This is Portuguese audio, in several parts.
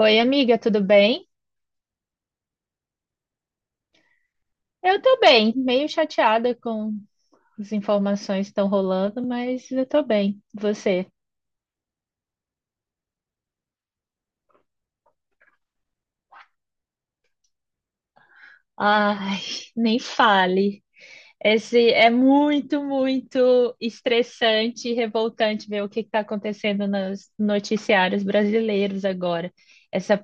Oi, amiga, tudo bem? Eu tô bem, meio chateada com as informações que estão rolando, mas eu tô bem. Você? Ai, nem fale. Esse é muito, muito estressante e revoltante ver o que está acontecendo nos noticiários brasileiros agora. Essa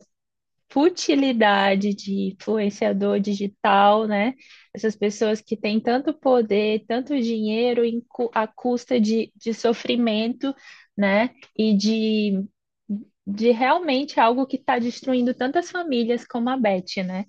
futilidade de influenciador digital, né? Essas pessoas que têm tanto poder, tanto dinheiro à custa de sofrimento, né? E de realmente algo que está destruindo tantas famílias como a Beth, né?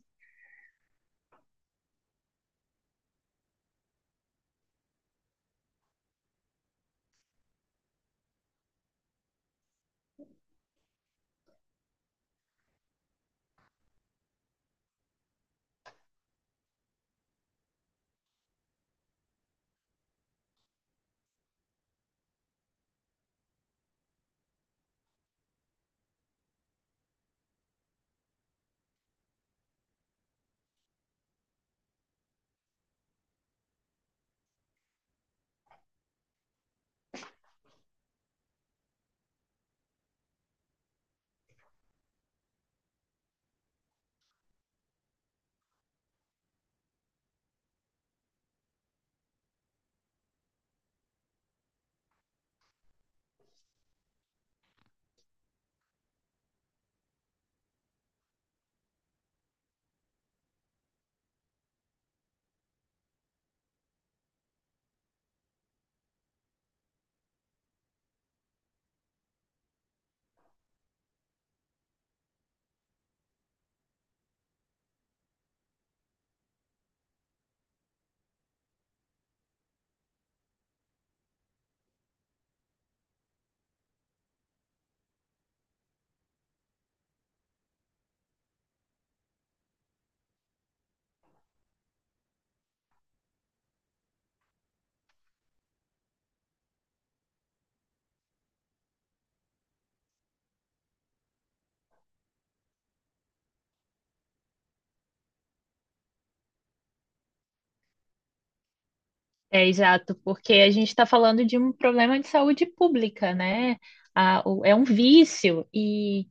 É exato, porque a gente está falando de um problema de saúde pública, né? É um vício e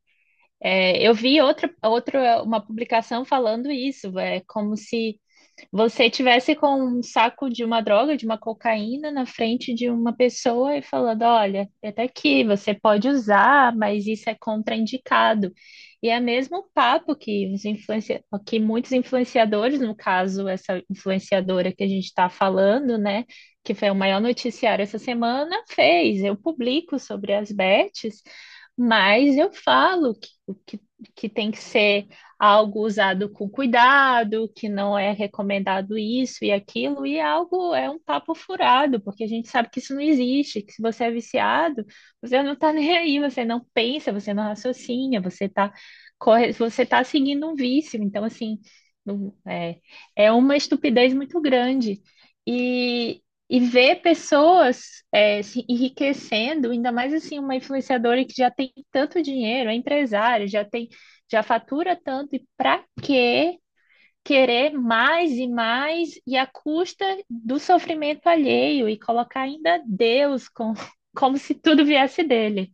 é, eu vi outra uma publicação falando isso, é como se você tivesse com um saco de uma droga, de uma cocaína na frente de uma pessoa e falando, olha, até aqui você pode usar, mas isso é contraindicado. E é mesmo o papo que que muitos influenciadores, no caso, essa influenciadora que a gente está falando, né, que foi o maior noticiário essa semana, fez. Eu publico sobre as bets, mas eu falo que, que tem que ser algo usado com cuidado, que não é recomendado isso e aquilo, e é algo é um papo furado, porque a gente sabe que isso não existe, que se você é viciado, você não está nem aí, você não pensa, você não raciocina, você está corre, você tá seguindo um vício. Então, assim, não- é, é uma estupidez muito grande. E, e ver pessoas se enriquecendo, ainda mais assim, uma influenciadora que já tem tanto dinheiro, é empresária, já fatura tanto e para quê querer mais e mais e à custa do sofrimento alheio e colocar ainda Deus com, como se tudo viesse dele?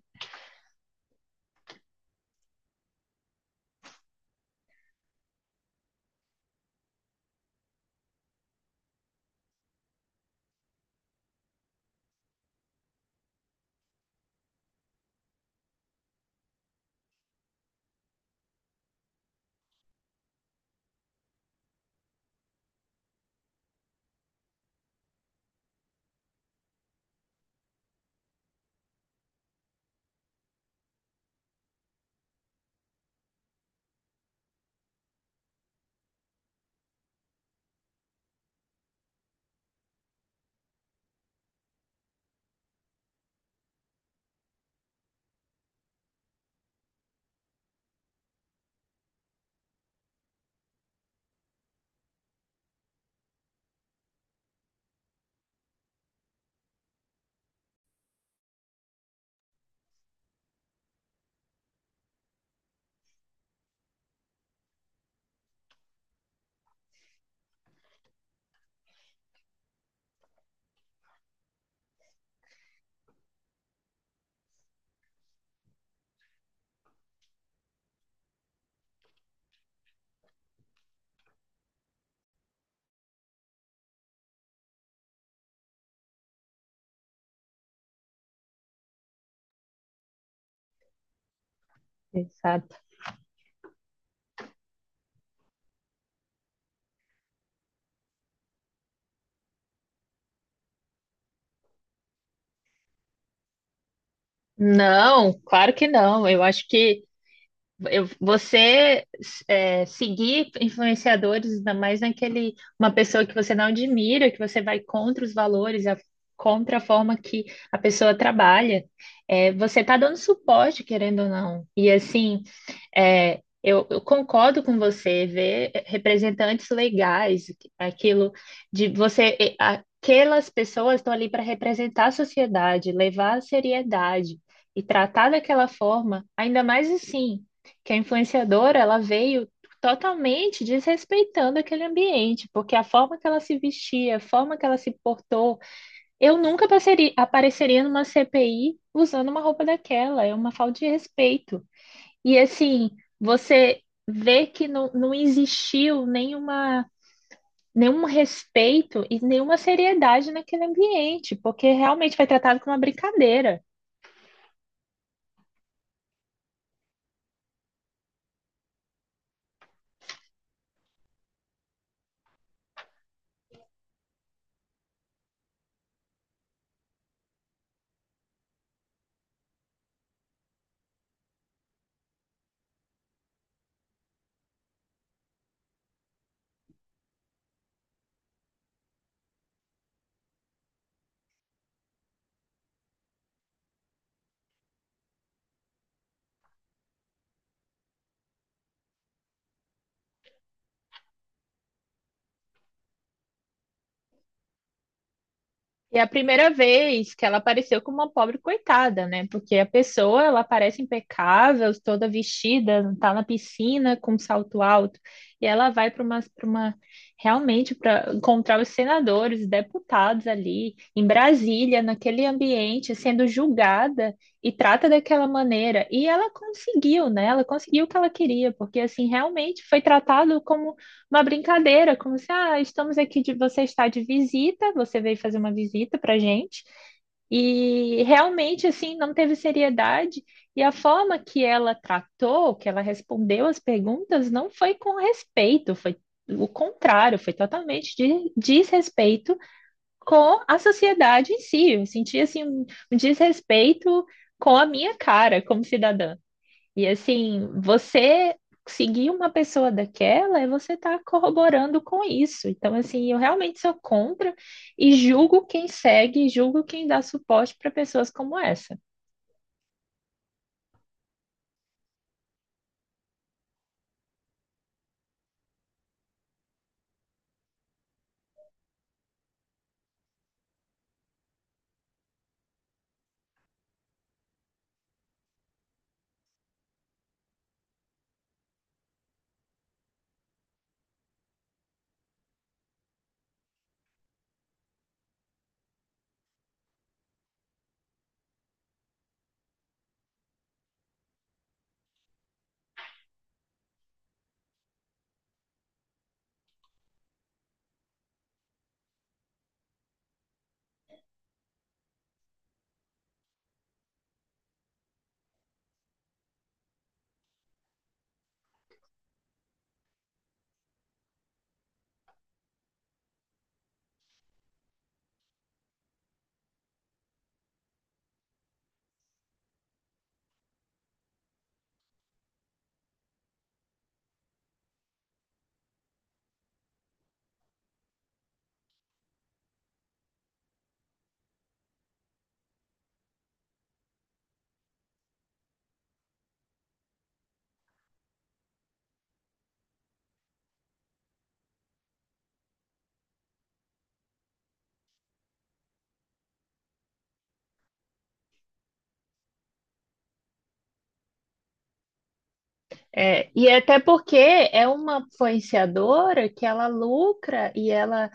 Exato. Não, claro que não. Eu acho que eu, você é, seguir influenciadores, ainda mais naquele, uma pessoa que você não admira, que você vai contra os valores, contra a forma que a pessoa trabalha, é, você está dando suporte, querendo ou não. E assim, eu concordo com você, ver representantes legais, aquilo aquelas pessoas estão ali para representar a sociedade, levar a seriedade e tratar daquela forma, ainda mais assim que a influenciadora ela veio totalmente desrespeitando aquele ambiente, porque a forma que ela se vestia, a forma que ela se portou, eu nunca passaria- apareceria numa CPI usando uma roupa daquela, é uma falta de respeito. E assim, você vê que não existiu nenhum respeito e nenhuma seriedade naquele ambiente, porque realmente foi tratado como uma brincadeira. E é a primeira vez que ela apareceu como uma pobre coitada, né? Porque a pessoa, ela aparece impecável, toda vestida, tá na piscina com um salto alto, e ela vai para uma realmente para encontrar os senadores, os deputados ali em Brasília, naquele ambiente, sendo julgada e trata daquela maneira. E ela conseguiu, né? Ela conseguiu o que ela queria, porque assim, realmente foi tratado como uma brincadeira, como se, ah, estamos aqui de você está de visita, você veio fazer uma visita pra gente. E realmente assim não teve seriedade e a forma que ela tratou, que ela respondeu as perguntas não foi com respeito, foi o contrário, foi totalmente de desrespeito com a sociedade em si. Eu senti assim um desrespeito com a minha cara como cidadã. E assim, você seguir uma pessoa daquela é você estar corroborando com isso. Então, assim, eu realmente sou contra e julgo quem segue, julgo quem dá suporte para pessoas como essa. É, e até porque é uma influenciadora que ela lucra e ela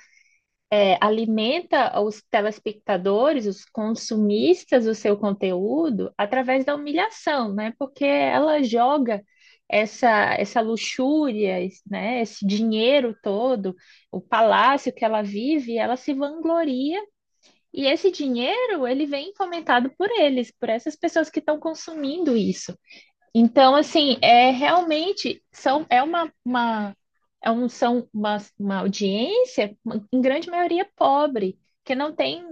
é, alimenta os telespectadores, os consumistas do seu conteúdo através da humilhação, né? Porque ela joga essa luxúria, esse, né? Esse dinheiro todo, o palácio que ela vive, ela se vangloria e esse dinheiro ele vem fomentado por eles, por essas pessoas que estão consumindo isso. Então, assim, é realmente são, é uma, é um, são uma audiência, em grande maioria, pobre, que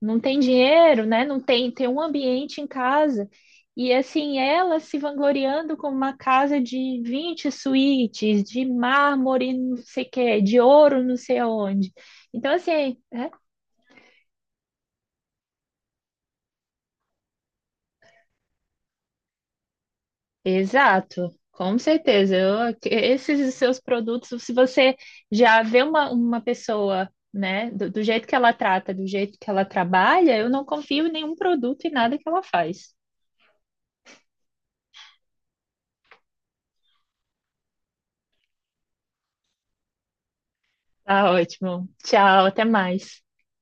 não tem dinheiro, né? Não tem, tem um ambiente em casa. E assim, ela se vangloriando com uma casa de 20 suítes, de mármore, não sei o quê, de ouro, não sei aonde. Então, assim, é Exato, com certeza. Esses seus produtos, se você já vê uma pessoa, né, do jeito que ela trata, do jeito que ela trabalha, eu não confio em nenhum produto e nada que ela faz. Tá ótimo. Tchau, até mais.